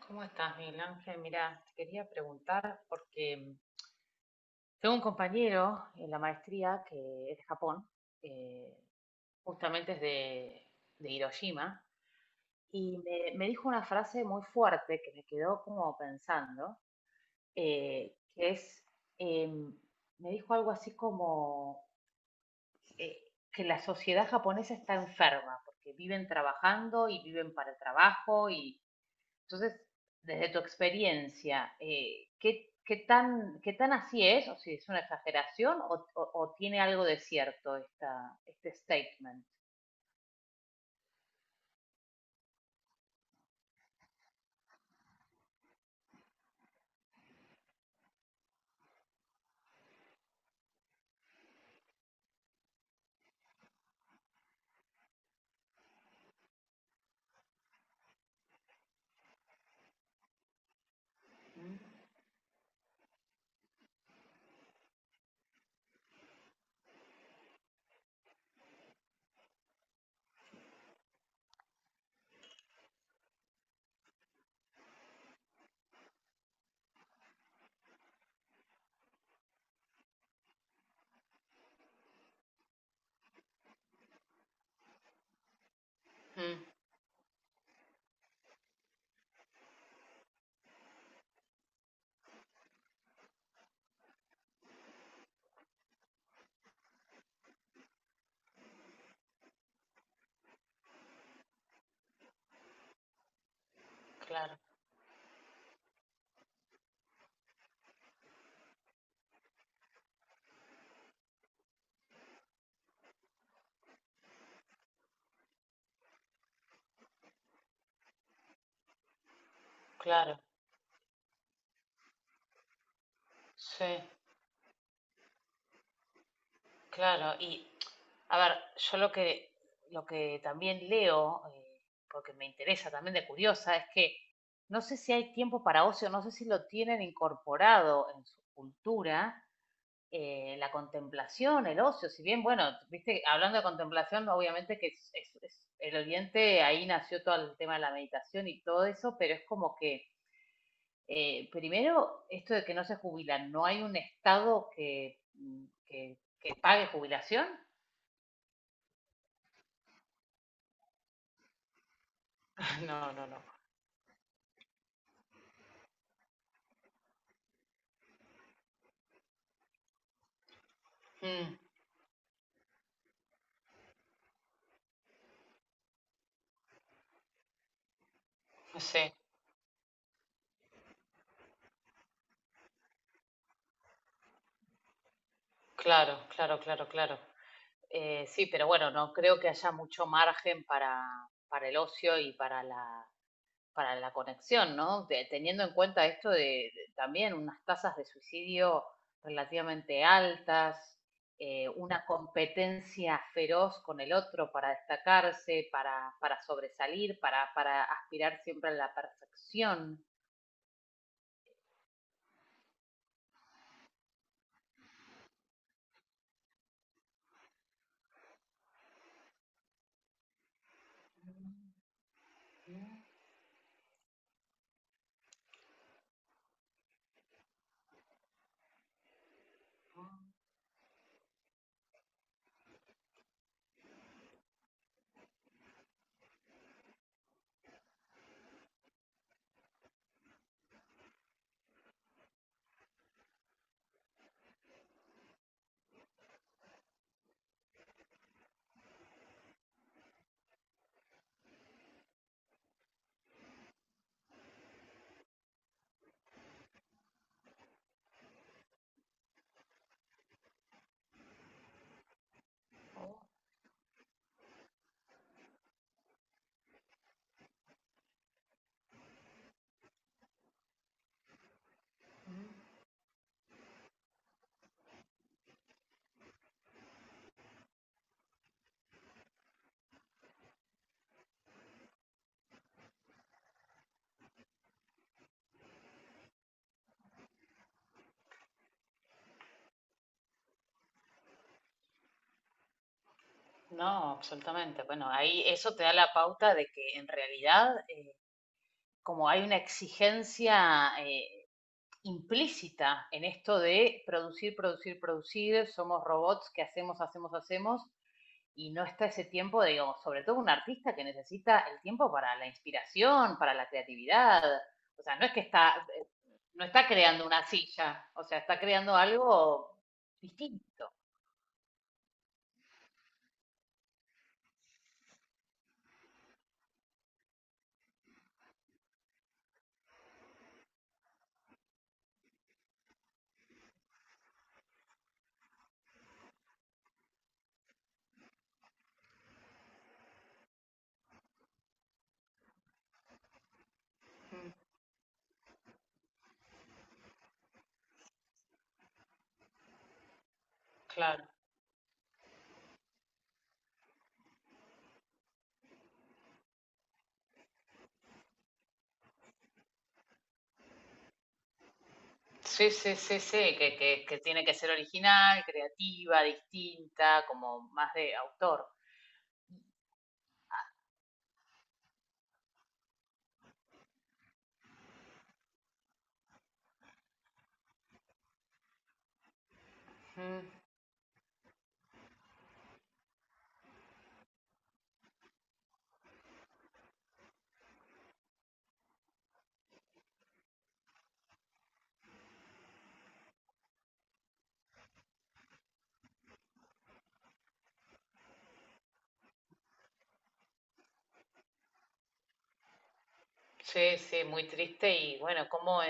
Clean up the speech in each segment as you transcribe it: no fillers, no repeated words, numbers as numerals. ¿Cómo estás, Miguel Ángel? Mira, te quería preguntar porque tengo un compañero en la maestría que es de Japón, eh, justamente es de Hiroshima, y me dijo una frase muy fuerte que me quedó como pensando, que es, em, me dijo algo así como que la sociedad japonesa está enferma, porque viven trabajando y viven para el trabajo y Entonces, desde tu experiencia, ¿qué tan así es? ¿O si es una exageración o tiene algo de cierto este statement? Mm, claro, claro, sí, claro. A ver, lo que también leo, porque me interesa también de curiosa, es que no sé si hay tiempo para ocio, no sé si lo tienen incorporado en su cultura, la contemplación, el ocio, si bien, bueno, viste, hablando de contemplación, obviamente que el Oriente, ahí nació todo el tema de la meditación y todo eso, pero es como que, primero, esto de que no se jubilan, no hay un Estado que pague jubilación. No, no, no. Mm, no sé, claro, claro, claro, claro. Sí, pero bueno, no creo que haya mucho margen para el ocio y para para la conexión, ¿no? De- teniendo en cuenta esto de también unas tasas de suicidio relativamente altas, una competencia feroz con el otro para destacarse, para sobresalir, para aspirar siempre a la perfección. No, absolutamente. Bueno, ahí eso te da la pauta de que en realidad, como hay una exigencia implícita en esto de producir, producir, producir, somos robots que hacemos, hacemos, hacemos, y no está ese tiempo, de, digamos, sobre todo un artista que necesita el tiempo para la inspiración, para la creatividad. O sea, no está creando una silla, o sea, está creando algo distinto. Claro. Sí, sí, sí, sí, que tiene que ser original, creativa, distinta, como más de autor. Sí, sí, muy triste y bueno, como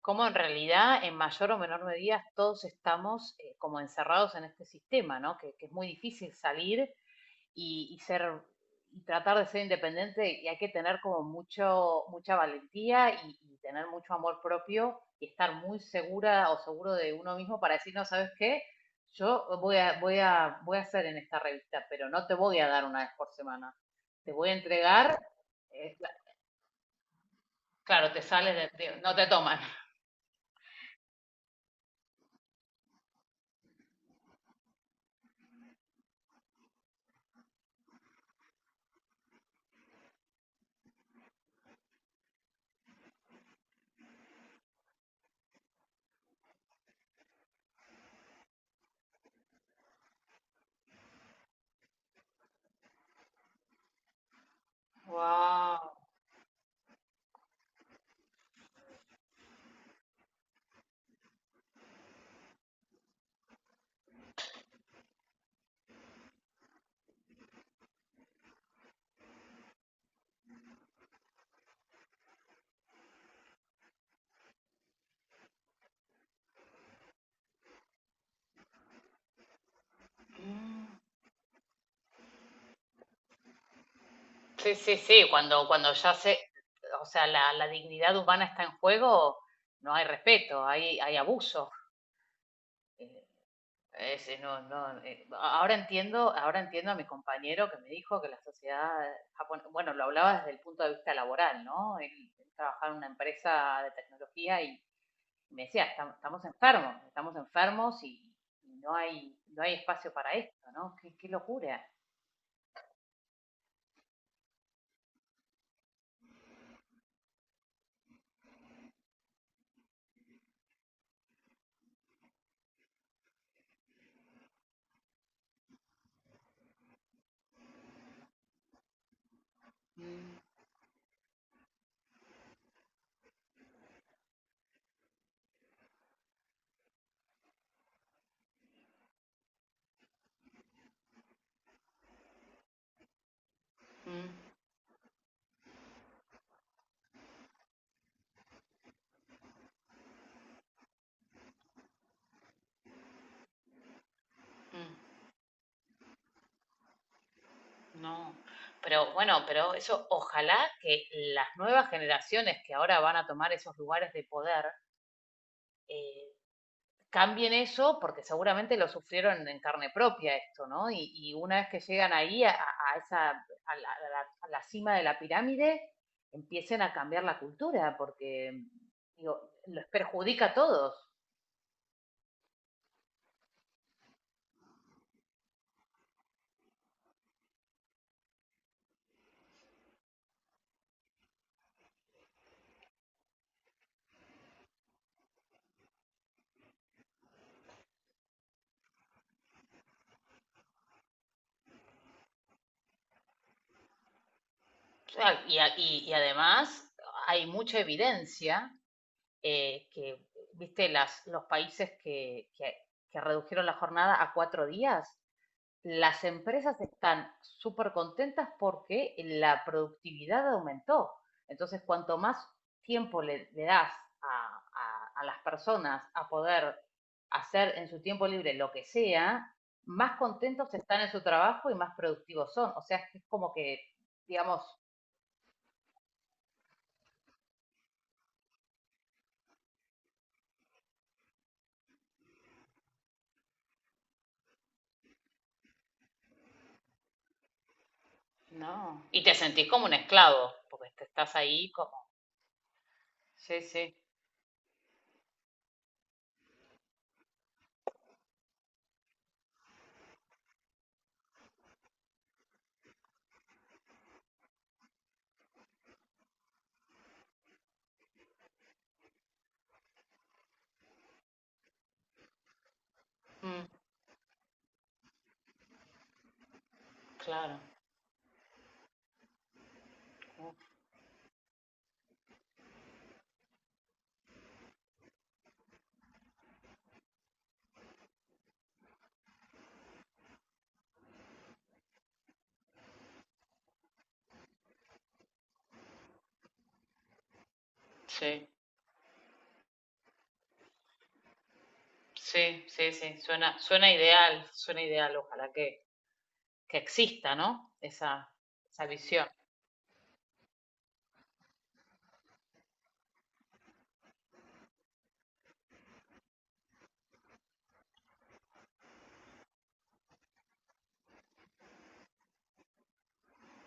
cómo en realidad, en mayor o menor medida, todos estamos como encerrados en este sistema, ¿no? Que es muy difícil salir y ser y tratar de ser independiente y hay que tener como mucha valentía y tener mucho amor propio y estar muy segura o seguro de uno mismo para decir, no, ¿sabes qué? Yo voy a hacer en esta revista, pero no te voy a dar una vez por semana. Te voy a entregar, eh, cla- claro, te sales no te toman. Wow. Sí, sí, sí, cuando ya se, o sea, la dignidad humana está en juego, no hay respeto, hay abuso. Eh, es- no, no, ahora entiendo a mi compañero que me dijo que la sociedad japonesa, bueno, bueno, lo hablaba desde el punto de vista laboral, ¿no? Él trabajaba en una empresa de tecnología y me decía, estamos enfermos y no hay, no hay espacio para esto, ¿no? Qué, qué locura. Mm, mm, mm. No, pero bueno, pero eso ojalá que las nuevas generaciones que ahora van a tomar esos lugares de poder eh, cambien eso, porque seguramente lo sufrieron en carne propia esto, ¿no? Y una vez que llegan ahí a esa a la, a la- a la cima de la pirámide, empiecen a cambiar la cultura, porque digo, les perjudica a todos. O sea, y además hay mucha evidencia eh, que, viste, los países que redujeron la jornada a cuatro días, las empresas están súper contentas porque la productividad aumentó. Entonces, cuanto más tiempo le das a las personas a poder hacer en su tiempo libre lo que sea, más contentos están en su trabajo y más productivos son. O sea, es como que, digamos... No. Y te sentís como un esclavo, porque te estás ahí como... Sí, sí. Mm, claro. Mm, sí, sí, sí, sí, suena, suena ideal, ojalá que exista, ¿no? Esa visión.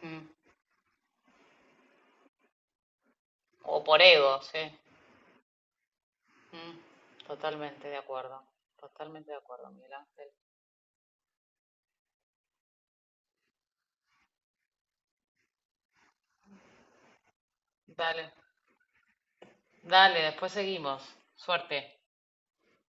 Mm. O por ego, sí. Mm, totalmente de acuerdo, totalmente de acuerdo, Miguel Ángel. Dale, dale, después seguimos. Suerte.